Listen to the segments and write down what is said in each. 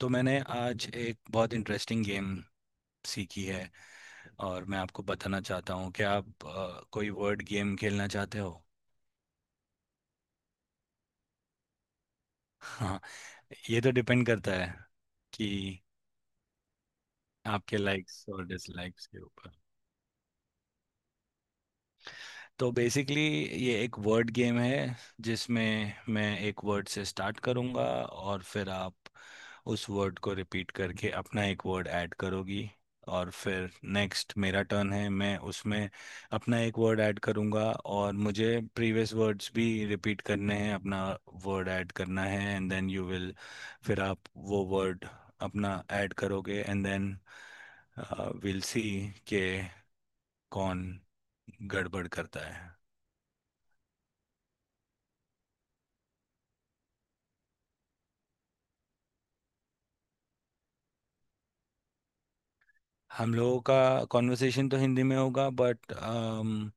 तो मैंने आज एक बहुत इंटरेस्टिंग गेम सीखी है और मैं आपको बताना चाहता हूँ कि आप कोई वर्ड गेम खेलना चाहते हो। हाँ, ये तो डिपेंड करता है कि आपके लाइक्स और डिसलाइक्स के ऊपर। तो बेसिकली ये एक वर्ड गेम है जिसमें मैं एक वर्ड से स्टार्ट करूँगा और फिर आप उस वर्ड को रिपीट करके अपना एक वर्ड ऐड करोगी। और फिर नेक्स्ट मेरा टर्न है, मैं उसमें अपना एक वर्ड ऐड करूंगा और मुझे प्रीवियस वर्ड्स भी रिपीट करने हैं, अपना वर्ड ऐड करना है एंड देन यू विल, फिर आप वो वर्ड अपना ऐड करोगे एंड देन विल सी के कौन गड़बड़ करता है। हम लोगों का कॉन्वर्सेशन तो हिंदी में होगा बट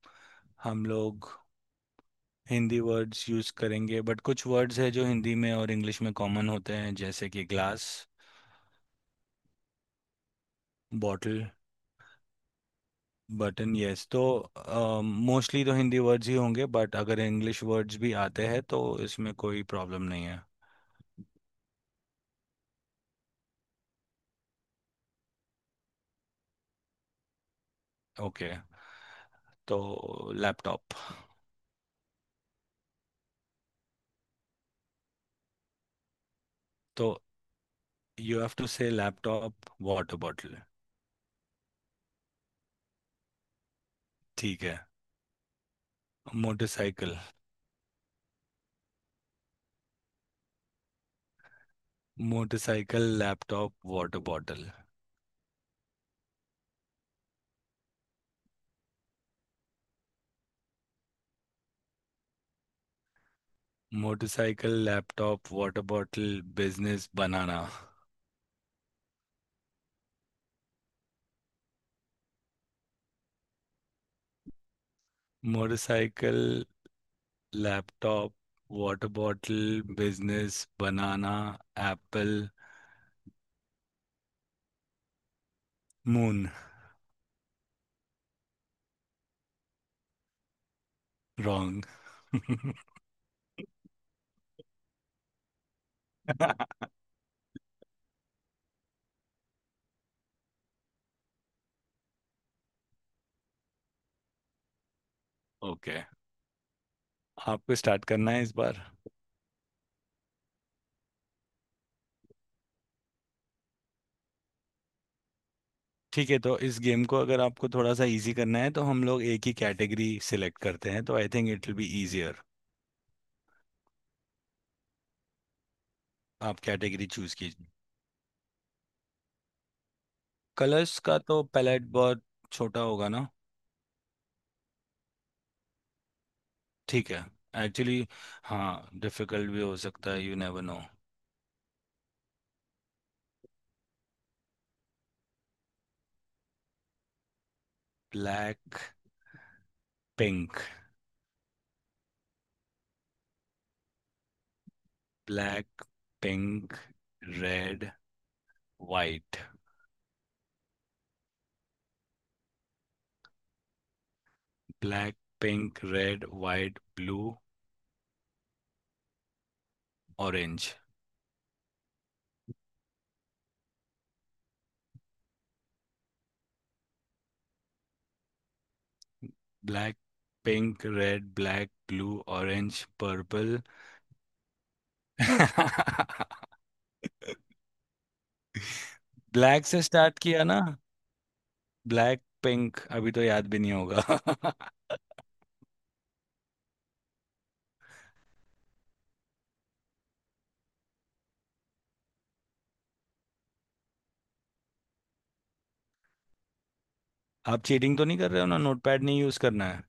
हम लोग हिंदी वर्ड्स यूज़ करेंगे बट कुछ वर्ड्स है जो हिंदी में और इंग्लिश में कॉमन होते हैं जैसे कि ग्लास, बॉटल, बटन। यस, तो मोस्टली तो हिंदी वर्ड्स ही होंगे बट अगर इंग्लिश वर्ड्स भी आते हैं तो इसमें कोई प्रॉब्लम नहीं है। ओके, तो लैपटॉप। तो you have to say laptop water bottle. ठीक है, motorcycle. Motorcycle laptop. Water bottle motorcycle laptop water bottle business बनाना। Motorcycle laptop water bottle business banana apple moon. Wrong. Okay आपको स्टार्ट करना है इस बार। ठीक है, तो इस गेम को अगर आपको थोड़ा सा इजी करना है तो हम लोग एक ही कैटेगरी सिलेक्ट करते हैं तो I think it will be easier. आप कैटेगरी चूज कीजिए। कलर्स का तो पैलेट बहुत छोटा होगा ना। ठीक है, एक्चुअली हाँ, डिफिकल्ट भी हो सकता है, you never know. Black pink. Black pink red white. Black pink red white blue orange. Black pink red black blue orange purple. Black से स्टार्ट किया ना। ब्लैक पिंक अभी तो याद भी नहीं होगा आप चीटिंग तो नहीं कर रहे हो ना, नोटपैड नहीं यूज करना है।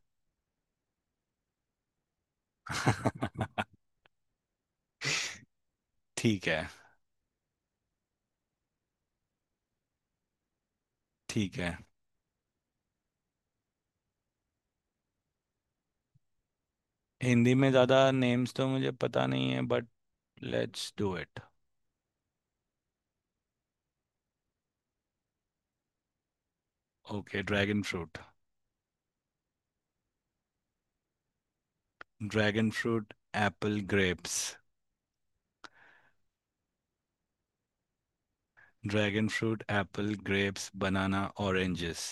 ठीक है। ठीक है, हिंदी में ज्यादा नेम्स तो मुझे पता नहीं है but let's do it. Okay, dragon fruit. Dragon fruit apple grapes. Dragon fruit apple grapes banana oranges.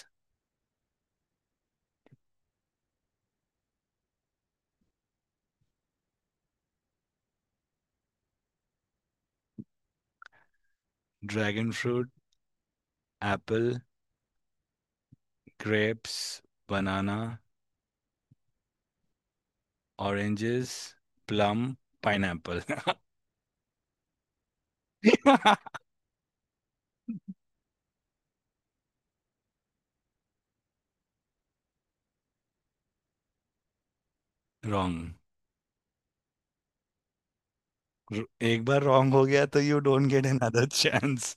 Dragon fruit apple grapes banana oranges plum pineapple. Wrong. एक बार रॉन्ग हो गया तो you don't get another chance.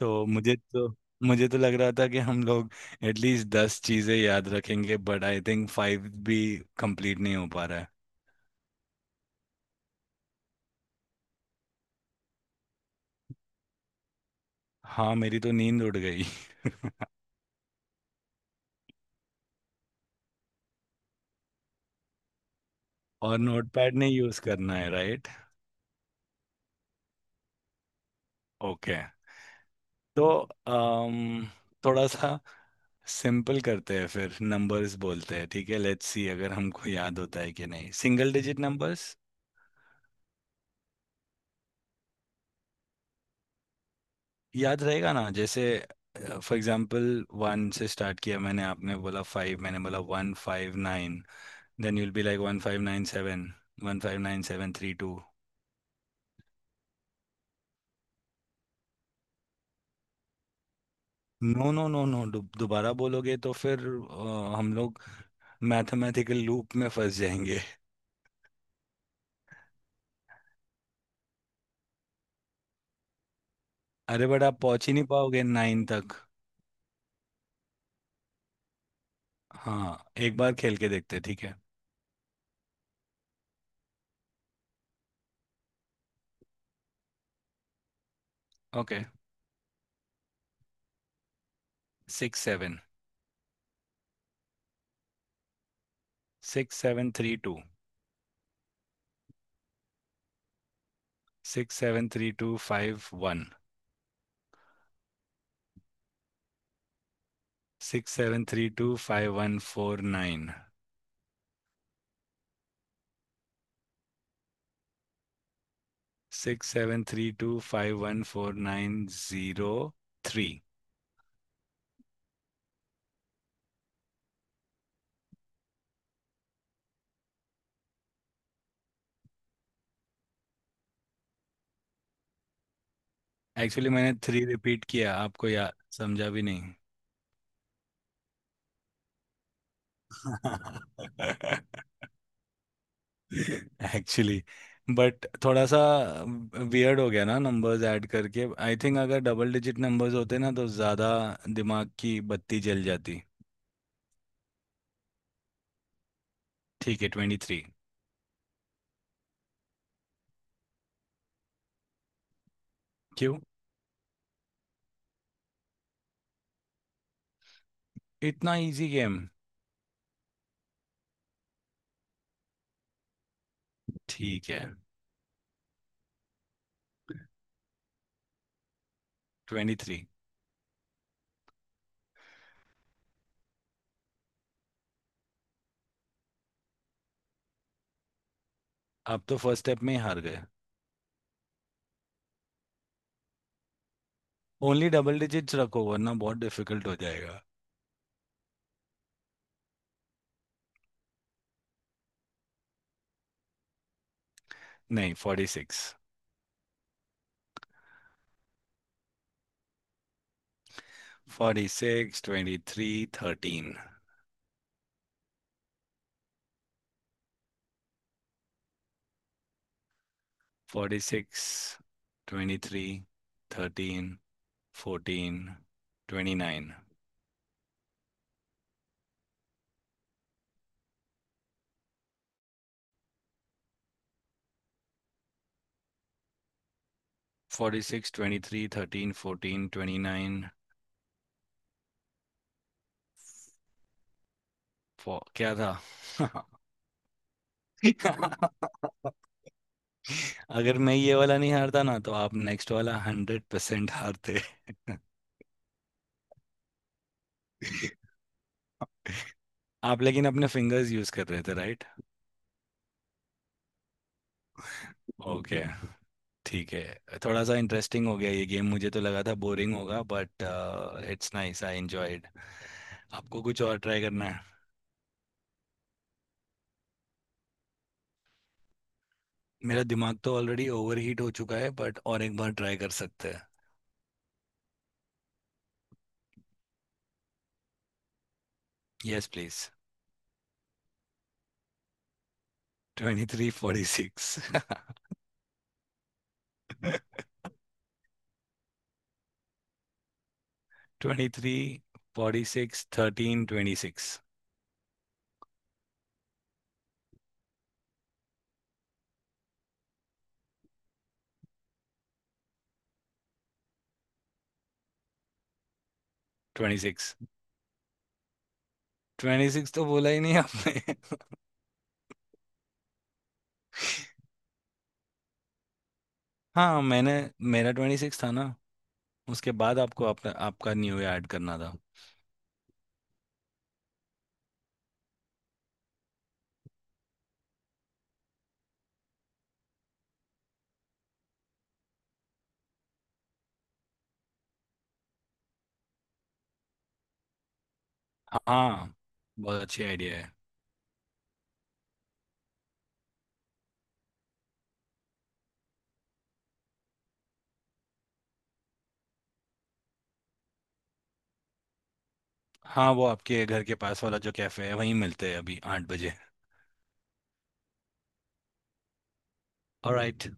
तो मुझे तो लग रहा था कि हम लोग एटलीस्ट 10 चीजें याद रखेंगे बट आई थिंक फाइव भी कंप्लीट नहीं हो पा रहा है। हाँ, मेरी तो नींद उड़ गई। और नोटपैड नहीं यूज करना है राइट। ओके, तो अम थोड़ा सा सिंपल करते हैं, फिर नंबर्स बोलते हैं। ठीक है, लेट्स सी अगर हमको याद होता है कि नहीं, सिंगल डिजिट नंबर्स। याद रहेगा ना, जैसे फॉर एग्जांपल वन से स्टार्ट किया मैंने, आपने बोला फाइव, मैंने बोला one five nine, then you'll be like one five nine seven, one five nine seven three two. No no no no, दोबारा बोलोगे तो फिर हम लोग मैथमेटिकल लूप में फंस जाएंगे। अरे, बट आप पहुंच ही नहीं पाओगे नाइन तक। हाँ, एक बार खेल के देखते हैं, ठीक है। Okay. Six seven. Six seven three two. Six seven three two five one. Six seven three two five one four nine. Six seven three two five one four nine zero three. Actually मैंने three repeat किया, आपको या समझा भी नहीं। Actually but थोड़ा सा weird हो गया ना नंबर्स ऐड करके। आई थिंक अगर डबल डिजिट नंबर्स होते ना तो ज़्यादा दिमाग की बत्ती जल जाती। ठीक है, ट्वेंटी थ्री। क्यों इतना इजी गेम। ठीक है, ट्वेंटी थ्री। आप तो फर्स्ट स्टेप में ही हार गए। ओनली डबल डिजिट्स रखो वरना बहुत डिफिकल्ट हो जाएगा। नहीं, forty six. Forty six twenty three thirteen. Forty six twenty three thirteen fourteen twenty nine. Forty six twenty three thirteen fourteen twenty nine क्या था। अगर मैं ये वाला नहीं हारता ना तो आप नेक्स्ट वाला 100% हारते। आप लेकिन अपने फिंगर्स यूज कर रहे थे राइट। ओके, ठीक है, थोड़ा सा इंटरेस्टिंग हो गया ये गेम, मुझे तो लगा था बोरिंग होगा but it's nice, I enjoyed. आपको कुछ और ट्राई करना है। मेरा दिमाग तो ऑलरेडी ओवरहीट हो चुका है बट और एक बार ट्राई कर सकते हैं। Yes please. Twenty three forty six. Twenty three forty six thirteen twenty six. Twenty six twenty six तो बोला ही नहीं आपने हाँ, मैंने, मेरा ट्वेंटी सिक्स था ना, उसके बाद आपको आपका आपका न्यू ईयर ऐड करना था। हाँ, बहुत अच्छी आइडिया है। हाँ, वो आपके घर के पास वाला जो कैफे है वहीं मिलते हैं अभी 8 बजे। ऑलराइट।